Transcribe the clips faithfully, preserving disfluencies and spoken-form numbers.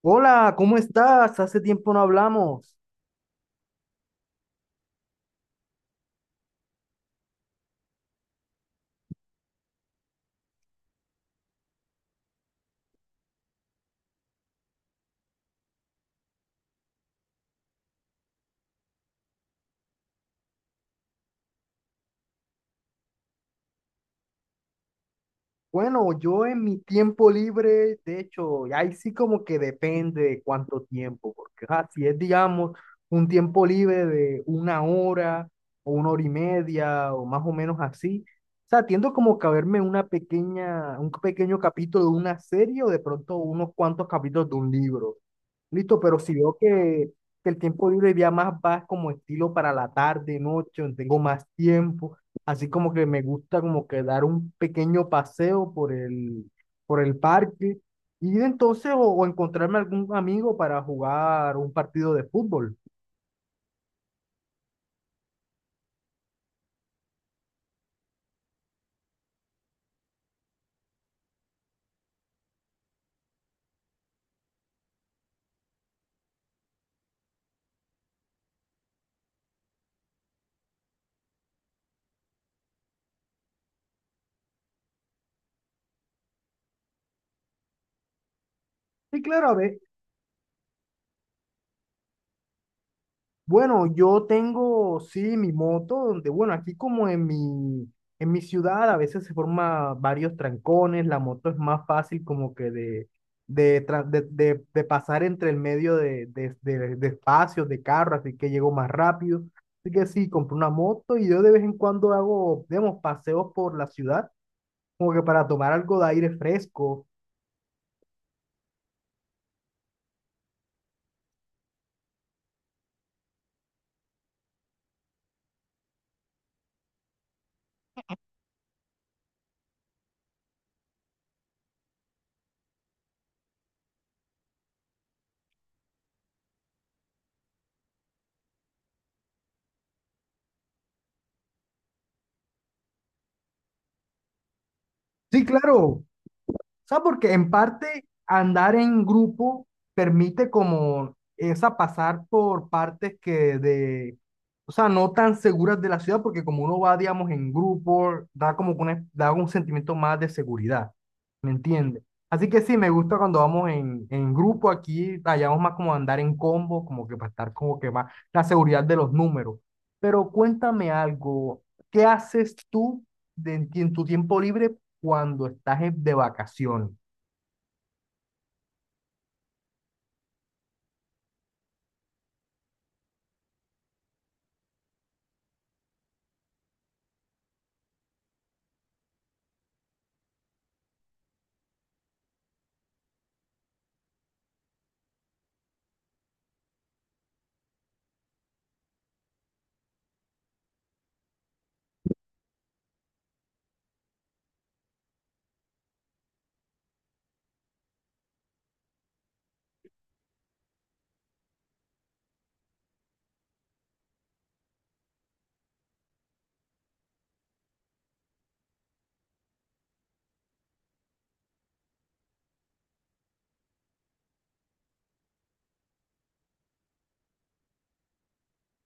Hola, ¿cómo estás? Hace tiempo no hablamos. Bueno, yo en mi tiempo libre, de hecho, ahí sí como que depende de cuánto tiempo, porque ah, si es, digamos, un tiempo libre de una hora o una hora y media o más o menos así, o sea, tiendo como que a verme una pequeña, un pequeño capítulo de una serie o de pronto unos cuantos capítulos de un libro. Listo, pero si veo que, que el tiempo libre ya más va como estilo para la tarde, noche, donde tengo más tiempo, así como que me gusta como que dar un pequeño paseo por el, por el parque y entonces o, o encontrarme algún amigo para jugar un partido de fútbol. Y claro. a ve- Bueno, yo tengo, sí, mi moto, donde, bueno, aquí como en mi, en mi ciudad a veces se forman varios trancones, la moto es más fácil como que de, de, tra- de, de- de pasar entre el medio de, de, de, de espacios, de carros, así que llego más rápido. Así que sí, compré una moto y yo de vez en cuando hago, digamos, paseos por la ciudad, como que para tomar algo de aire fresco. Sí, claro. O sea, porque en parte andar en grupo permite como esa pasar por partes que de, o sea, no tan seguras de la ciudad, porque como uno va, digamos, en grupo, da como que una- da un sentimiento más de seguridad, ¿me entiendes? Así que sí, me gusta cuando vamos en, en grupo aquí, hallamos más como andar en combo, como que para estar como que más la seguridad de los números. Pero cuéntame algo, ¿qué haces tú de- en tu tiempo libre cuando estás de vacaciones?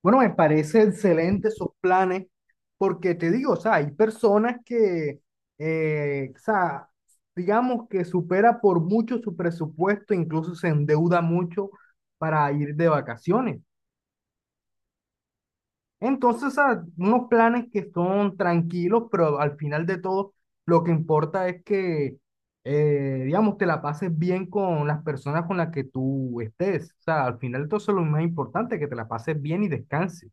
Bueno, me parece excelente esos planes, porque te digo, o sea, hay personas que, eh, o sea, digamos que supera por mucho su presupuesto, incluso se endeuda mucho para ir de vacaciones. Entonces, ah, unos planes que son tranquilos, pero al final de todo, lo que importa es que, eh, digamos, te la pases bien con las personas con las que tú estés. O sea, al final de todo, eso es lo más importante, que te la pases bien y descanses.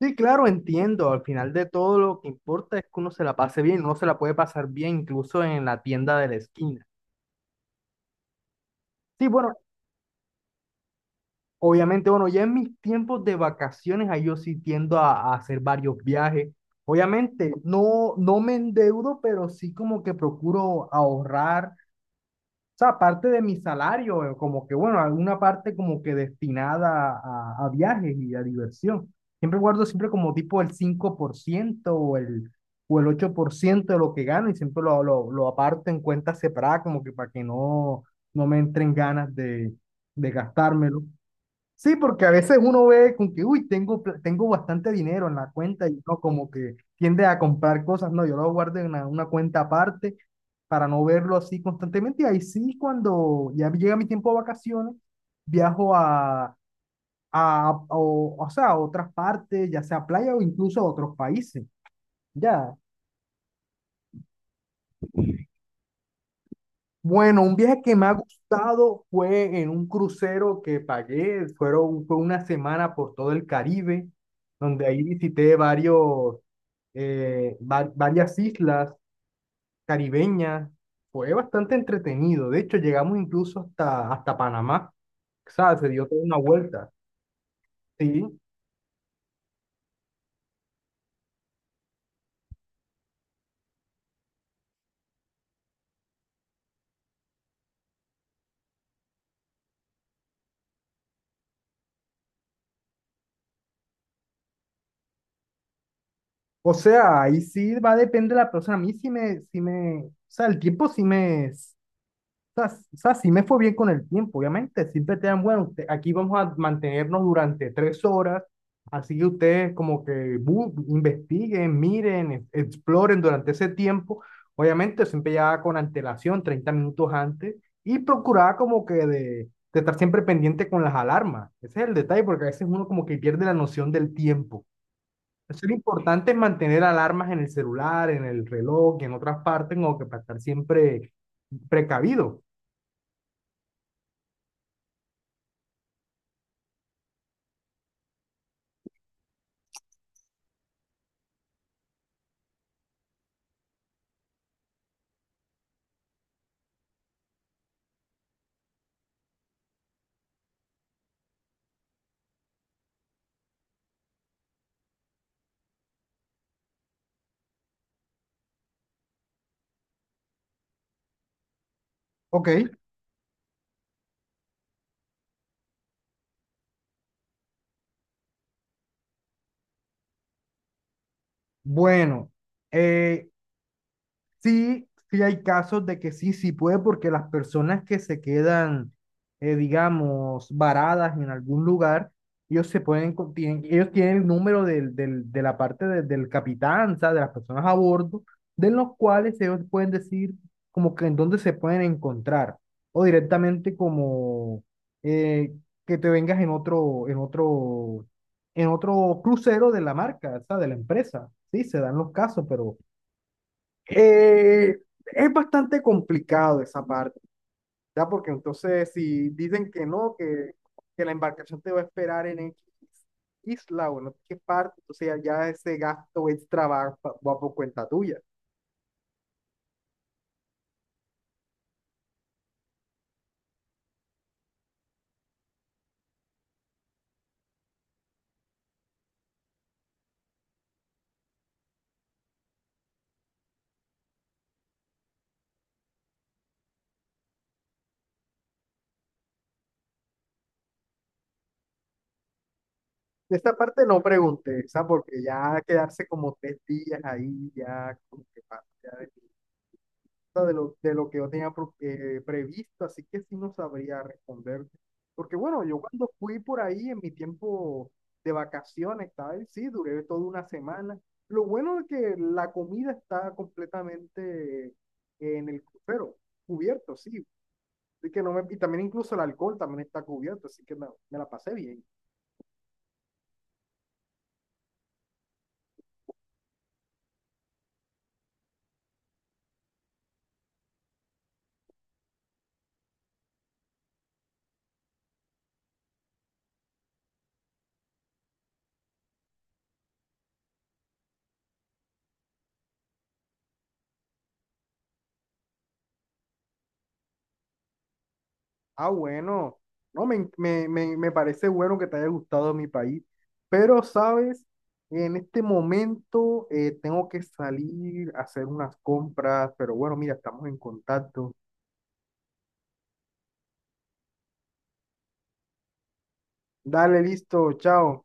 Sí, claro, entiendo. Al final de todo, lo que importa es que uno se la pase bien. Uno se la puede pasar bien incluso en la tienda de la esquina. Sí, bueno, obviamente, bueno, ya en mis tiempos de vacaciones, ahí yo sí tiendo a, a hacer varios viajes. Obviamente, no, no me endeudo, pero sí como que procuro ahorrar, o sea, parte de mi salario, eh, como que, bueno, alguna parte como que destinada a, a viajes y a diversión. Siempre guardo siempre como tipo el cinco por ciento o el, o el ocho por ciento de lo que gano y siempre lo, lo, lo aparto en cuentas separadas, como que para que no, no me entren ganas de, de gastármelo. Sí, porque a veces uno ve con que, uy, tengo, pla- tengo bastante dinero en la cuenta y no como que tiende a comprar cosas. No, yo lo guardo en una, una cuenta aparte para no verlo así constantemente. Y ahí sí, cuando ya llega mi tiempo de vacaciones, viajo a, a, a- o, o sea, a otras partes, ya sea playa o incluso a otros países. Ya. Bueno, un viaje que me ha gustado fue en un crucero que pagué, fueron, fue una semana por todo el Caribe, donde ahí visité varios, eh, va- varias islas caribeñas, fue bastante entretenido, de hecho llegamos incluso hasta, hasta Panamá, o sea, se dio toda una vuelta, ¿sí? O sea, ahí sí va a depender de la persona, a mí sí me, sí me, o sea, el tiempo sí me, sea, s- o sea, sí me fue bien con el tiempo, obviamente. Siempre te dan, bueno, te- aquí vamos a mantenernos durante tres horas, así que ustedes como que bu- investiguen, miren, e- exploren durante ese tiempo. Obviamente siempre ya con antelación, treinta minutos antes, y procuraba como que de, de estar siempre pendiente con las alarmas. Ese es el detalle, porque a veces uno como que pierde la noción del tiempo. Eso es lo importante es mantener alarmas en el celular, en el reloj y en otras partes, como que para estar siempre precavido. Ok. Bueno, eh, sí, sí hay casos de que sí, sí puede, porque las personas que se quedan, eh, digamos, varadas en algún lugar, ellos se pueden, co- tienen, ellos tienen el número del, del, de la parte de- del capitán, o sea, de las personas a bordo, de los cuales ellos pueden decir como que en dónde se pueden encontrar, o directamente como eh, que te vengas en otro, en otro, en otro crucero de la marca, o sea, de la empresa. Sí, se dan los casos, pero eh, es bastante complicado esa parte, ¿ya? Porque entonces si dicen que no, que, que la embarcación te va a esperar en X isla o no sé qué parte, o sea ya ese gasto extra va, pa- va por cuenta tuya. De esta parte no pregunté, ¿sabes? Porque ya quedarse como tres días ahí, ya como que pasa de lo, de lo que yo tenía pro- eh, previsto, así que sí no sabría responderte. Porque bueno, yo cuando fui por ahí en mi tiempo de vacaciones, tal, sí, duré toda una semana. Lo bueno es que la comida está completamente eh, en el crucero, cubierto, sí. Así que no me, y también incluso el alcohol también está cubierto, así que me, me la pasé bien. Ah, bueno, no, me, me, me, me parece bueno que te haya gustado mi país, pero sabes, en este momento eh, tengo que salir a hacer unas compras, pero bueno, mira, estamos en contacto. Dale, listo, chao.